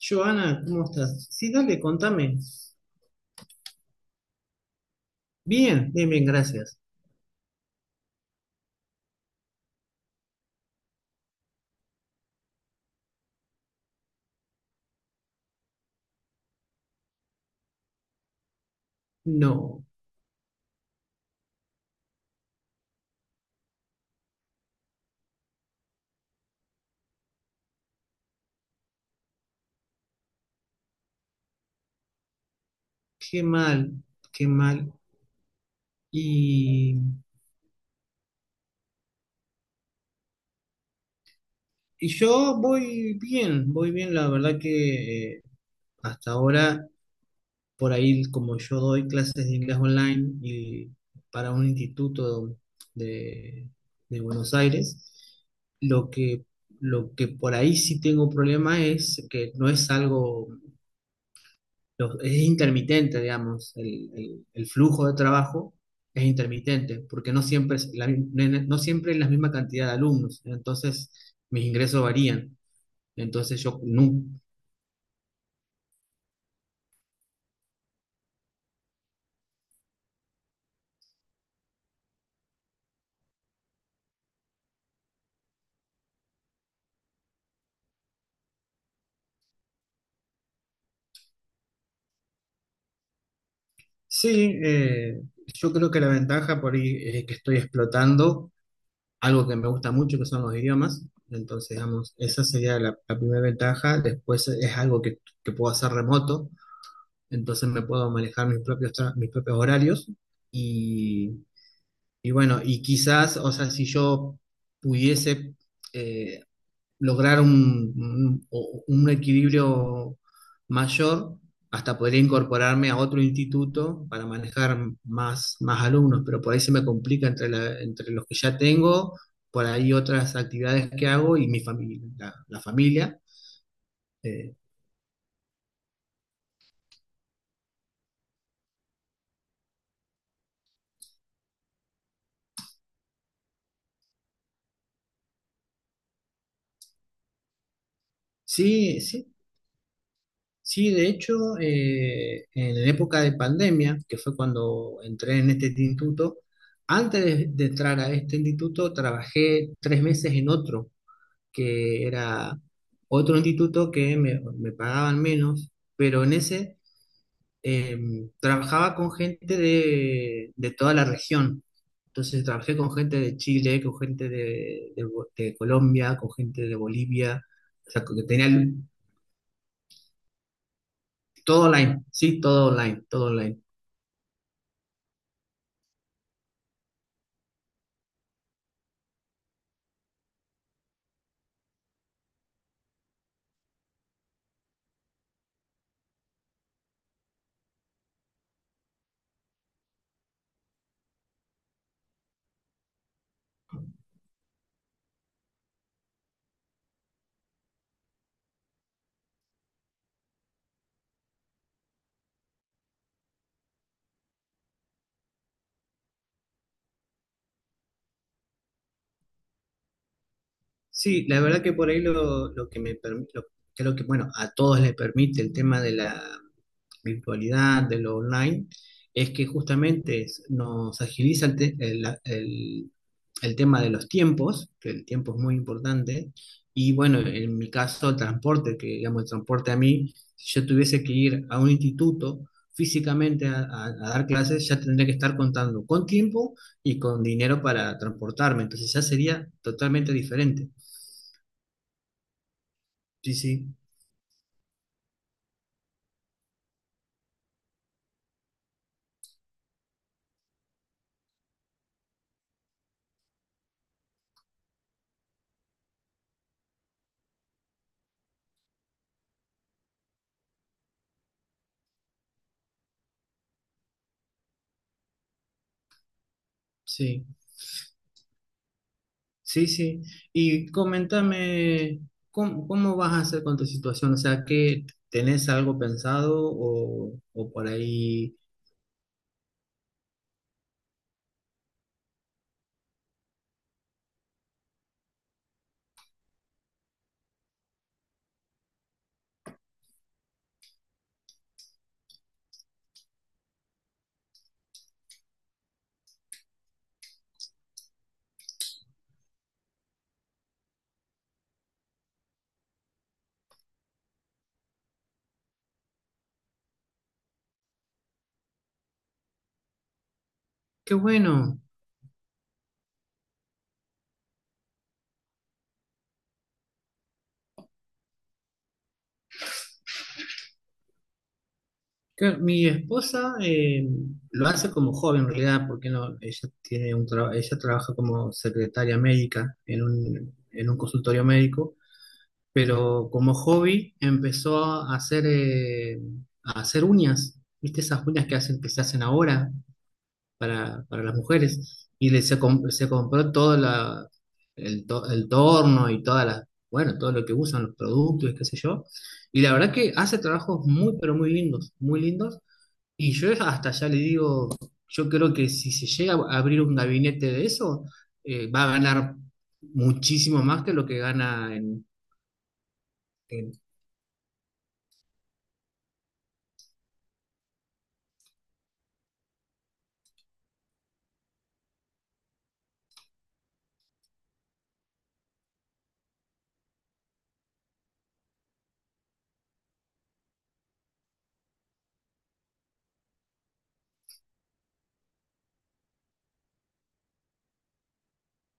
Joana, ¿cómo estás? Sí, dale, contame. Bien, bien, bien, gracias. No, qué mal, qué mal. Y, y yo voy bien, la verdad que hasta ahora, por ahí, como yo doy clases de inglés online y para un instituto de, de Buenos Aires, lo que, lo que por ahí sí tengo problema es que no es algo es intermitente, digamos, el flujo de trabajo es intermitente, porque no siempre es no siempre es la misma cantidad de alumnos, entonces mis ingresos varían. Entonces yo no. Sí, eh, yo creo que la ventaja por ahí es que estoy explotando algo que me gusta mucho, que son los idiomas. Entonces, digamos, esa sería la primera ventaja. Después es algo que puedo hacer remoto, entonces me puedo manejar mis propios, mis propios horarios. Y bueno, y quizás, o sea, si yo pudiese eh, lograr un equilibrio mayor, hasta podría incorporarme a otro instituto para manejar más alumnos, pero por ahí se me complica entre los que ya tengo, por ahí otras actividades que hago y mi familia, la familia. Eh, sí, sí, sí, de hecho, en la época de pandemia, que fue cuando entré en este instituto, antes de entrar a este instituto, trabajé 3 meses en otro, que era otro instituto que me pagaban menos, pero en ese eh, trabajaba con gente de toda la región. Entonces trabajé con gente de Chile, con gente de Colombia, con gente de Bolivia, o sea, que tenía todo online, sí, todo online, todo online. Sí, la verdad que por ahí lo que me permite, creo que bueno, a todos les permite el tema de la virtualidad, de lo online, es que justamente nos agiliza el, te- el tema de los tiempos, que el tiempo es muy importante, y bueno, en mi caso el transporte, que digamos el transporte a mí, si yo tuviese que ir a un instituto físicamente a dar clases, ya tendría que estar contando con tiempo y con dinero para transportarme, entonces ya sería totalmente diferente. Sí, sí, sí, sí, sí. Y coméntame, ¿cómo vas a hacer con tu situación? O sea, ¿que tenés algo pensado o por ahí? Qué bueno, que mi esposa lo hace como joven en realidad, porque no, ella tiene ella trabaja como secretaria médica en un consultorio médico, pero como hobby empezó a hacer uñas. ¿Viste esas uñas que hacen, que se hacen ahora? Para las mujeres. Y se compró todo el torno y todas bueno, todo lo que usan, los productos y qué sé yo. Y la verdad que hace trabajos muy, pero muy lindos, muy lindos. Y yo hasta ya le digo, yo creo que si se llega a abrir un gabinete de eso, va a ganar muchísimo más que lo que gana en, en-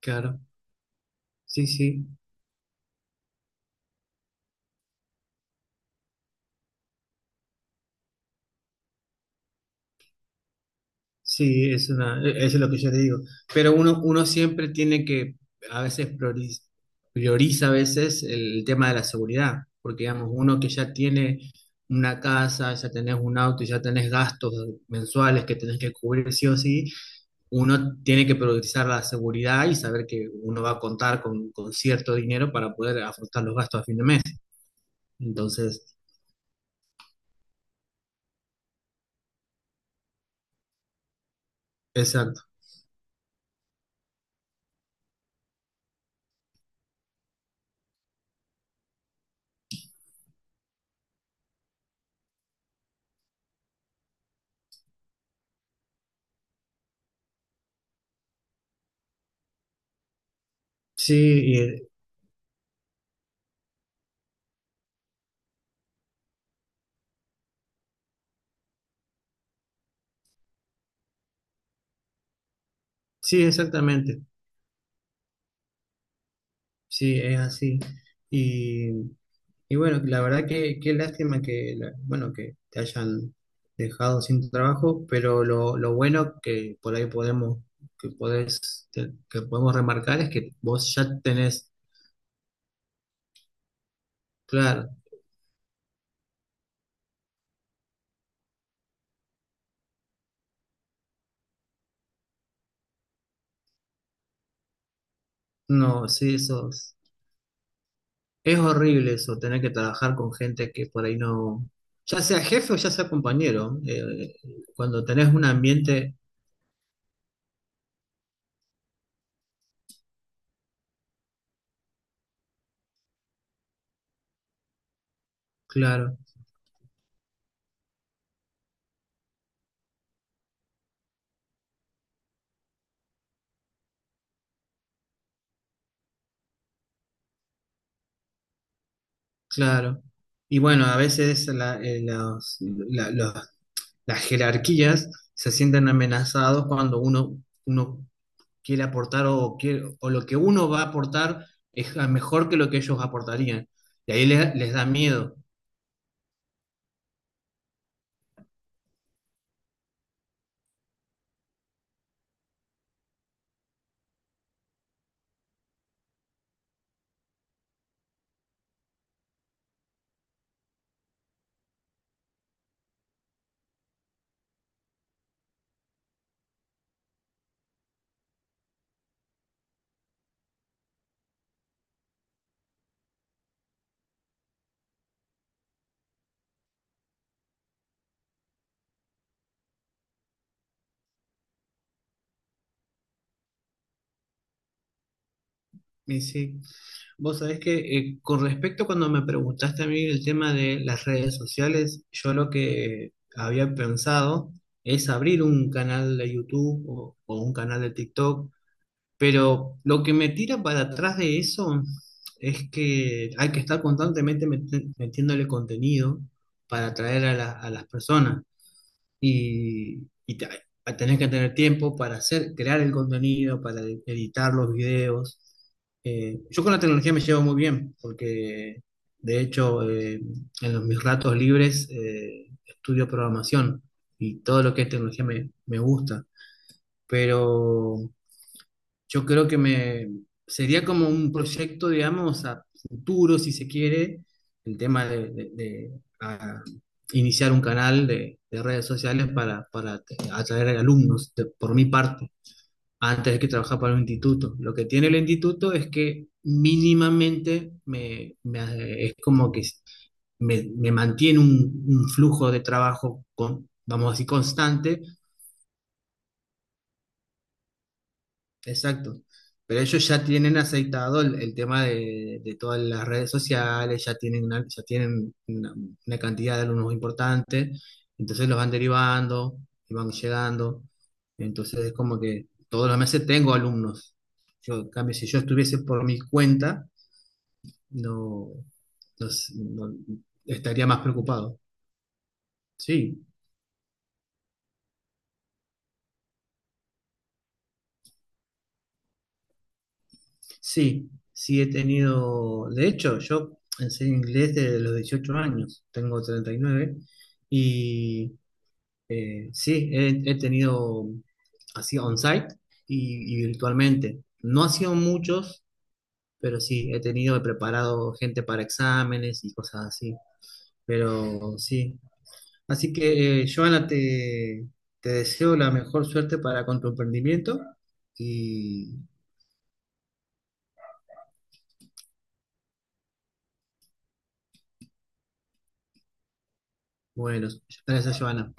claro. Sí, sí. Sí, es eso es lo que yo te digo. Pero uno siempre tiene que, a veces prioriza, a veces el tema de la seguridad, porque digamos, uno que ya tiene una casa, ya tenés un auto, ya tenés gastos mensuales que tenés que cubrir sí o sí, uno tiene que priorizar la seguridad y saber que uno va a contar con cierto dinero para poder afrontar los gastos a fin de mes. Entonces, exacto. Sí, y- sí, exactamente. Sí, es así. Y bueno, la verdad que qué lástima que, bueno, que te hayan dejado sin trabajo, pero lo bueno que por ahí podemos, que podés, que podemos remarcar es que vos ya tenés, claro, no, sí, eso es horrible eso, tener que trabajar con gente que por ahí no, ya sea jefe o ya sea compañero, cuando tenés un ambiente, claro, claro. Y bueno, a veces las jerarquías se sienten amenazados cuando uno quiere aportar o lo que uno va a aportar es mejor que lo que ellos aportarían. Y ahí les da miedo. Y sí, vos sabés que con respecto a cuando me preguntaste a mí el tema de las redes sociales, yo lo que había pensado es abrir un canal de YouTube o un canal de TikTok. Pero lo que me tira para atrás de eso es que hay que estar constantemente metiéndole contenido para atraer a las personas y, a tener que tener tiempo para hacer, crear el contenido, para editar los videos. Yo con la tecnología me llevo muy bien porque, de hecho, en mis ratos libres estudio programación y todo lo que es tecnología me gusta, pero... Yo creo que me sería como un proyecto, digamos, a futuro, si se quiere, el tema de, ah, iniciar un canal de redes sociales para atraer alumnos, por mi parte, antes de que trabajar para un instituto. Lo que tiene el instituto es que mínimamente es como que me mantiene un flujo de trabajo, con, vamos a decir, constante. Exacto. Pero ellos ya tienen aceitado el tema de todas las redes sociales, ya tienen una cantidad de alumnos importante, entonces los van derivando y van llegando. Entonces es como que todos los meses tengo alumnos. Yo, en cambio, si yo estuviese por mi cuenta, no, no s- no- estaría más preocupado. Sí, sí, sí he tenido, de hecho, yo enseño inglés desde los 18 años, tengo 39, y nueve, y sí, he tenido así on-site y virtualmente. No ha sido muchos, pero sí, he tenido, he preparado gente para exámenes y cosas así, pero sí. Así que, Joana, te deseo la mejor suerte para con tu emprendimiento y bueno, gracias, Joana.